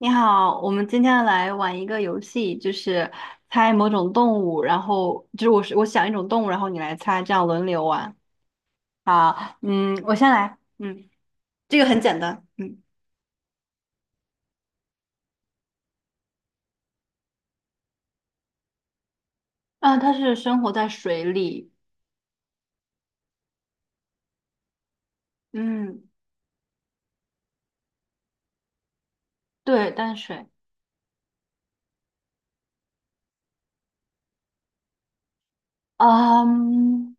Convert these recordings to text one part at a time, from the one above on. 你好，我们今天来玩一个游戏，就是猜某种动物，然后就是我想一种动物，然后你来猜，这样轮流玩。好，我先来，这个很简单，啊，它是生活在水里，嗯，对，淡水，嗯，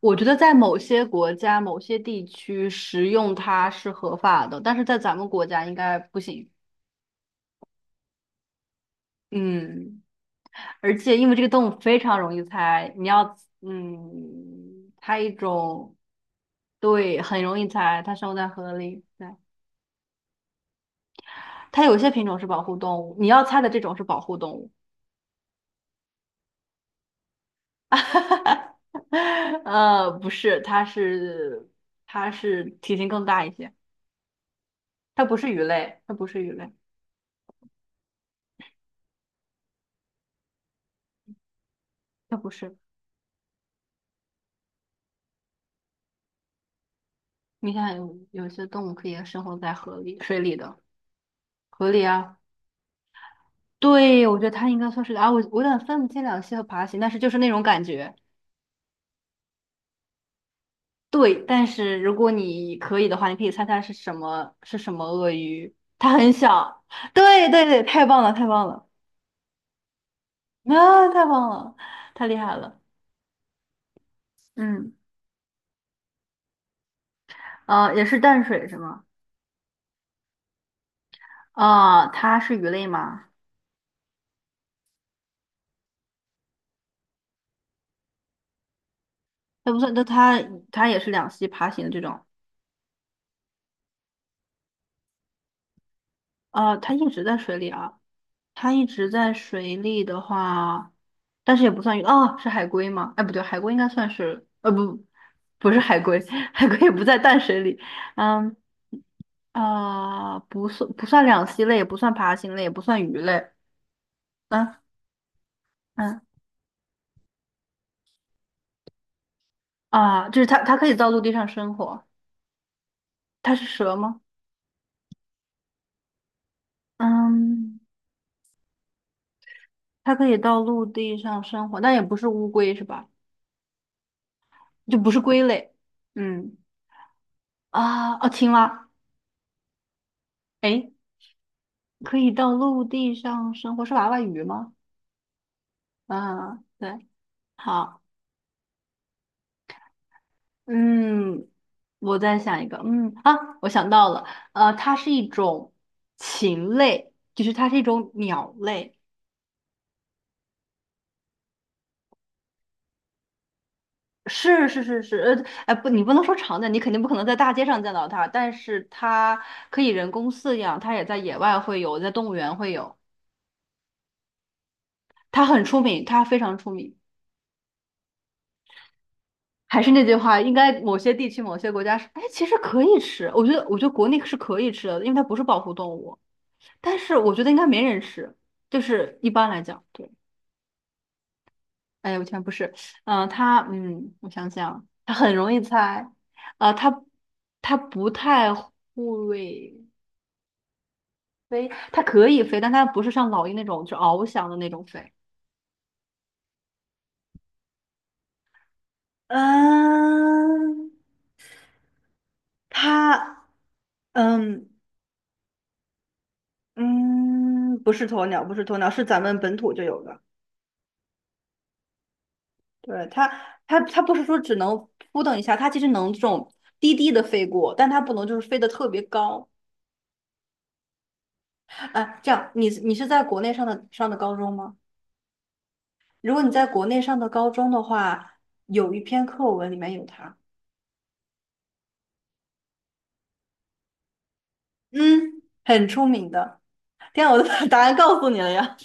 我觉得在某些国家、某些地区食用它是合法的，但是在咱们国家应该不行，嗯。而且因为这个动物非常容易猜，你要猜一种，对，很容易猜，它生活在河里，对，它有些品种是保护动物，你要猜的这种是保护动物，不是它是体型更大一些，它不是鱼类，它不是鱼类，它不是，你看，有些动物可以生活在河里、水里的，河里啊，对，我觉得它应该算是啊，我有点分不清两栖和爬行，但是就是那种感觉。对，但是如果你可以的话，你可以猜它是什么鳄鱼。它很小，对对对，太棒了，太棒了，啊，太棒了，太厉害了。嗯，也是淡水是吗？啊、它是鱼类吗？它不算，那它也是两栖爬行的这种。啊，它一直在水里啊，它一直在水里的话，但是也不算鱼哦，是海龟吗？哎，不对，海龟应该算是，不，不是海龟，海龟也不在淡水里。嗯，啊、不算不算两栖类，也不算爬行类，也不算鱼类。嗯嗯啊，就是它可以到陆地上生活。它是蛇吗？嗯，它可以到陆地上生活，但也不是乌龟是吧？就不是龟类。嗯啊哦，青蛙。诶，可以到陆地上生活，是娃娃鱼吗？嗯，对，好。嗯，我再想一个，啊，我想到了，它是一种禽类，就是它是一种鸟类，是是是是，哎不，你不能说常见，你肯定不可能在大街上见到它，但是它可以人工饲养，它也在野外会有，在动物园会有，它很出名，它非常出名。还是那句话，应该某些地区、某些国家是，哎，其实可以吃，我觉得国内是可以吃的，因为它不是保护动物，但是我觉得应该没人吃，就是一般来讲，对。哎，我全不是，我想想，他很容易猜，啊，他不太会飞，他可以飞，但他不是像老鹰那种就翱翔的那种飞，嗯，它，嗯嗯，不是鸵鸟，不是鸵鸟，是咱们本土就有的。对，它不是说只能扑腾一下，它其实能这种低低的飞过，但它不能就是飞得特别高。哎，这样，你是在国内上的高中吗？如果你在国内上的高中的话，有一篇课文里面有它，嗯很出名的。天啊，我都把答案告诉你了呀！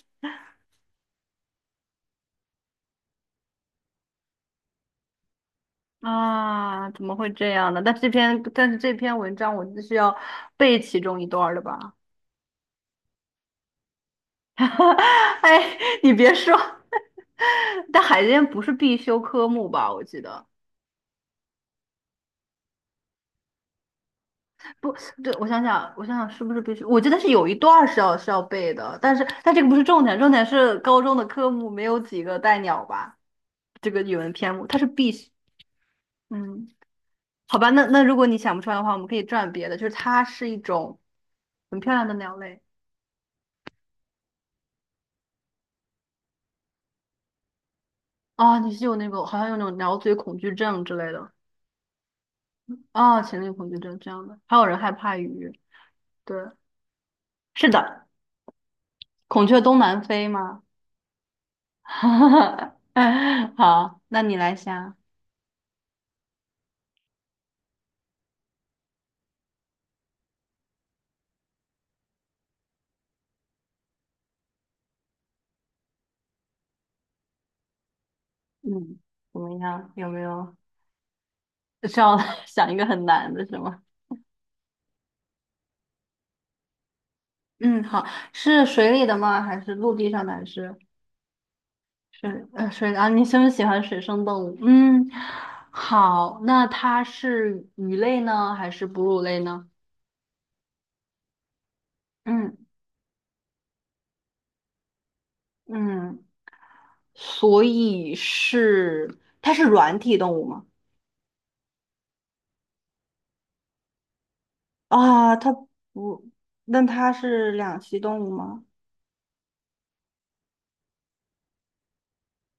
啊，怎么会这样呢？但是这篇文章我就是要背其中一段儿的吧？哎，你别说，但海淀不是必修科目吧？我记得不对，我想想是不是必须？我记得是有一段儿是要背的，但这个不是重点，重点是高中的科目没有几个带鸟吧？这个语文篇目，它是必须，嗯，好吧，那如果你想不出来的话，我们可以转别的，就是它是一种很漂亮的鸟类啊，你是有那个好像有那种鸟嘴恐惧症之类的啊，禽类恐惧症这样的，还有人害怕鱼，对，是的，孔雀东南飞吗？好，那你来想，嗯，怎么样？有没有需要 想一个很难的是吗？嗯，好，是水里的吗？还是陆地上的？还是？水啊，你是不是喜欢水生动物？嗯，好，那它是鱼类呢，还是哺乳类呢？嗯嗯，所以它是软体动物吗？啊，它不，那它是两栖动物吗？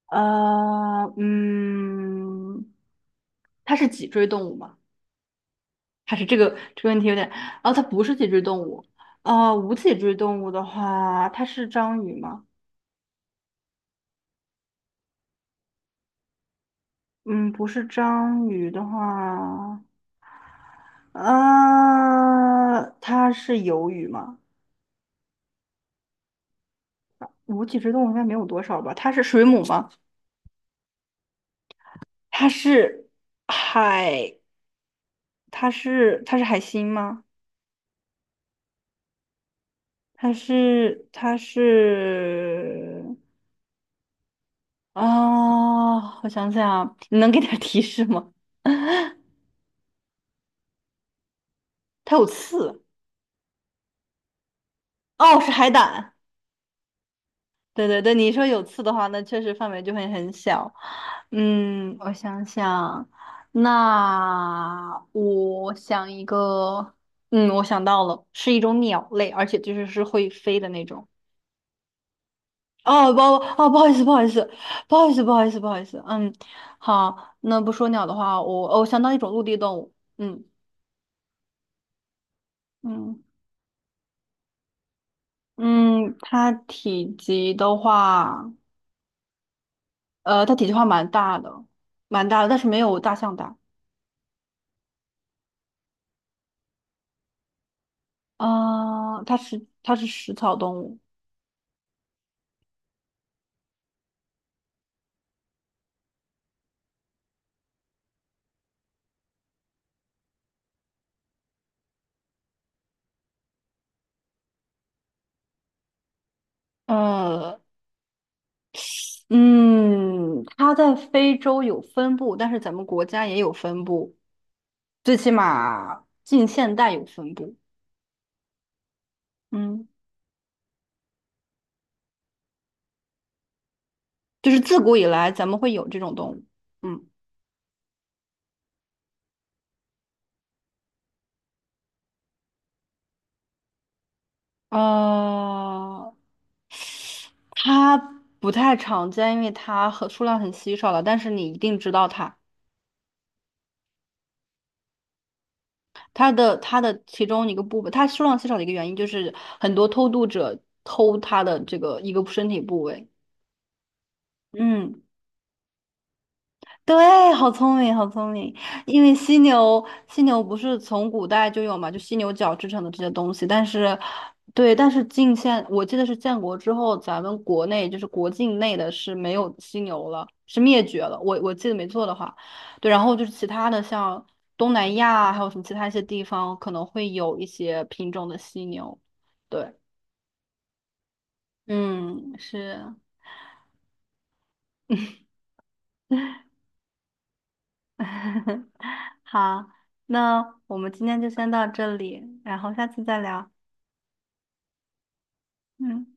呃，嗯，它是脊椎动物吗？还是这个问题有点，哦，它不是脊椎动物，无脊椎动物的话，它是章鱼吗？嗯，不是章鱼的话，啊，它是鱿鱼吗？无脊椎动物应该没有多少吧？它是水母吗？它是海？它是海星吗？它是它是啊，我想想啊，你能给点提示吗？它有刺哦，是海胆。对对对，你说有刺的话，那确实范围就会很小。我想想，那我想一个，我想到了，是一种鸟类，而且就是会飞的那种。哦，不，哦，不好意思，不好意思，不好意思，不好意思，不好意思。嗯，好，那不说鸟的话，我想到一种陆地动物。嗯嗯嗯，它体积的话，它体积的话蛮大的，蛮大的，但是没有大象大。啊、它是食草动物。呃，嗯，它在非洲有分布，但是咱们国家也有分布，最起码近现代有分布。嗯，就是自古以来咱们会有这种动物。嗯，呃，它不太常见，因为数量很稀少了，但是你一定知道它。它的其中一个部分，它数量稀少的一个原因就是很多偷渡者偷它的这个一个身体部位。嗯。对，好聪明，好聪明。因为犀牛不是从古代就有嘛，就犀牛角制成的这些东西。但是，对，但是近现，我记得是建国之后，咱们国内就是国境内的是没有犀牛了，是灭绝了。我记得没错的话，对。然后就是其他的，像东南亚啊还有什么其他一些地方，可能会有一些品种的犀牛。对，嗯，是。好，那我们今天就先到这里，然后下次再聊。嗯。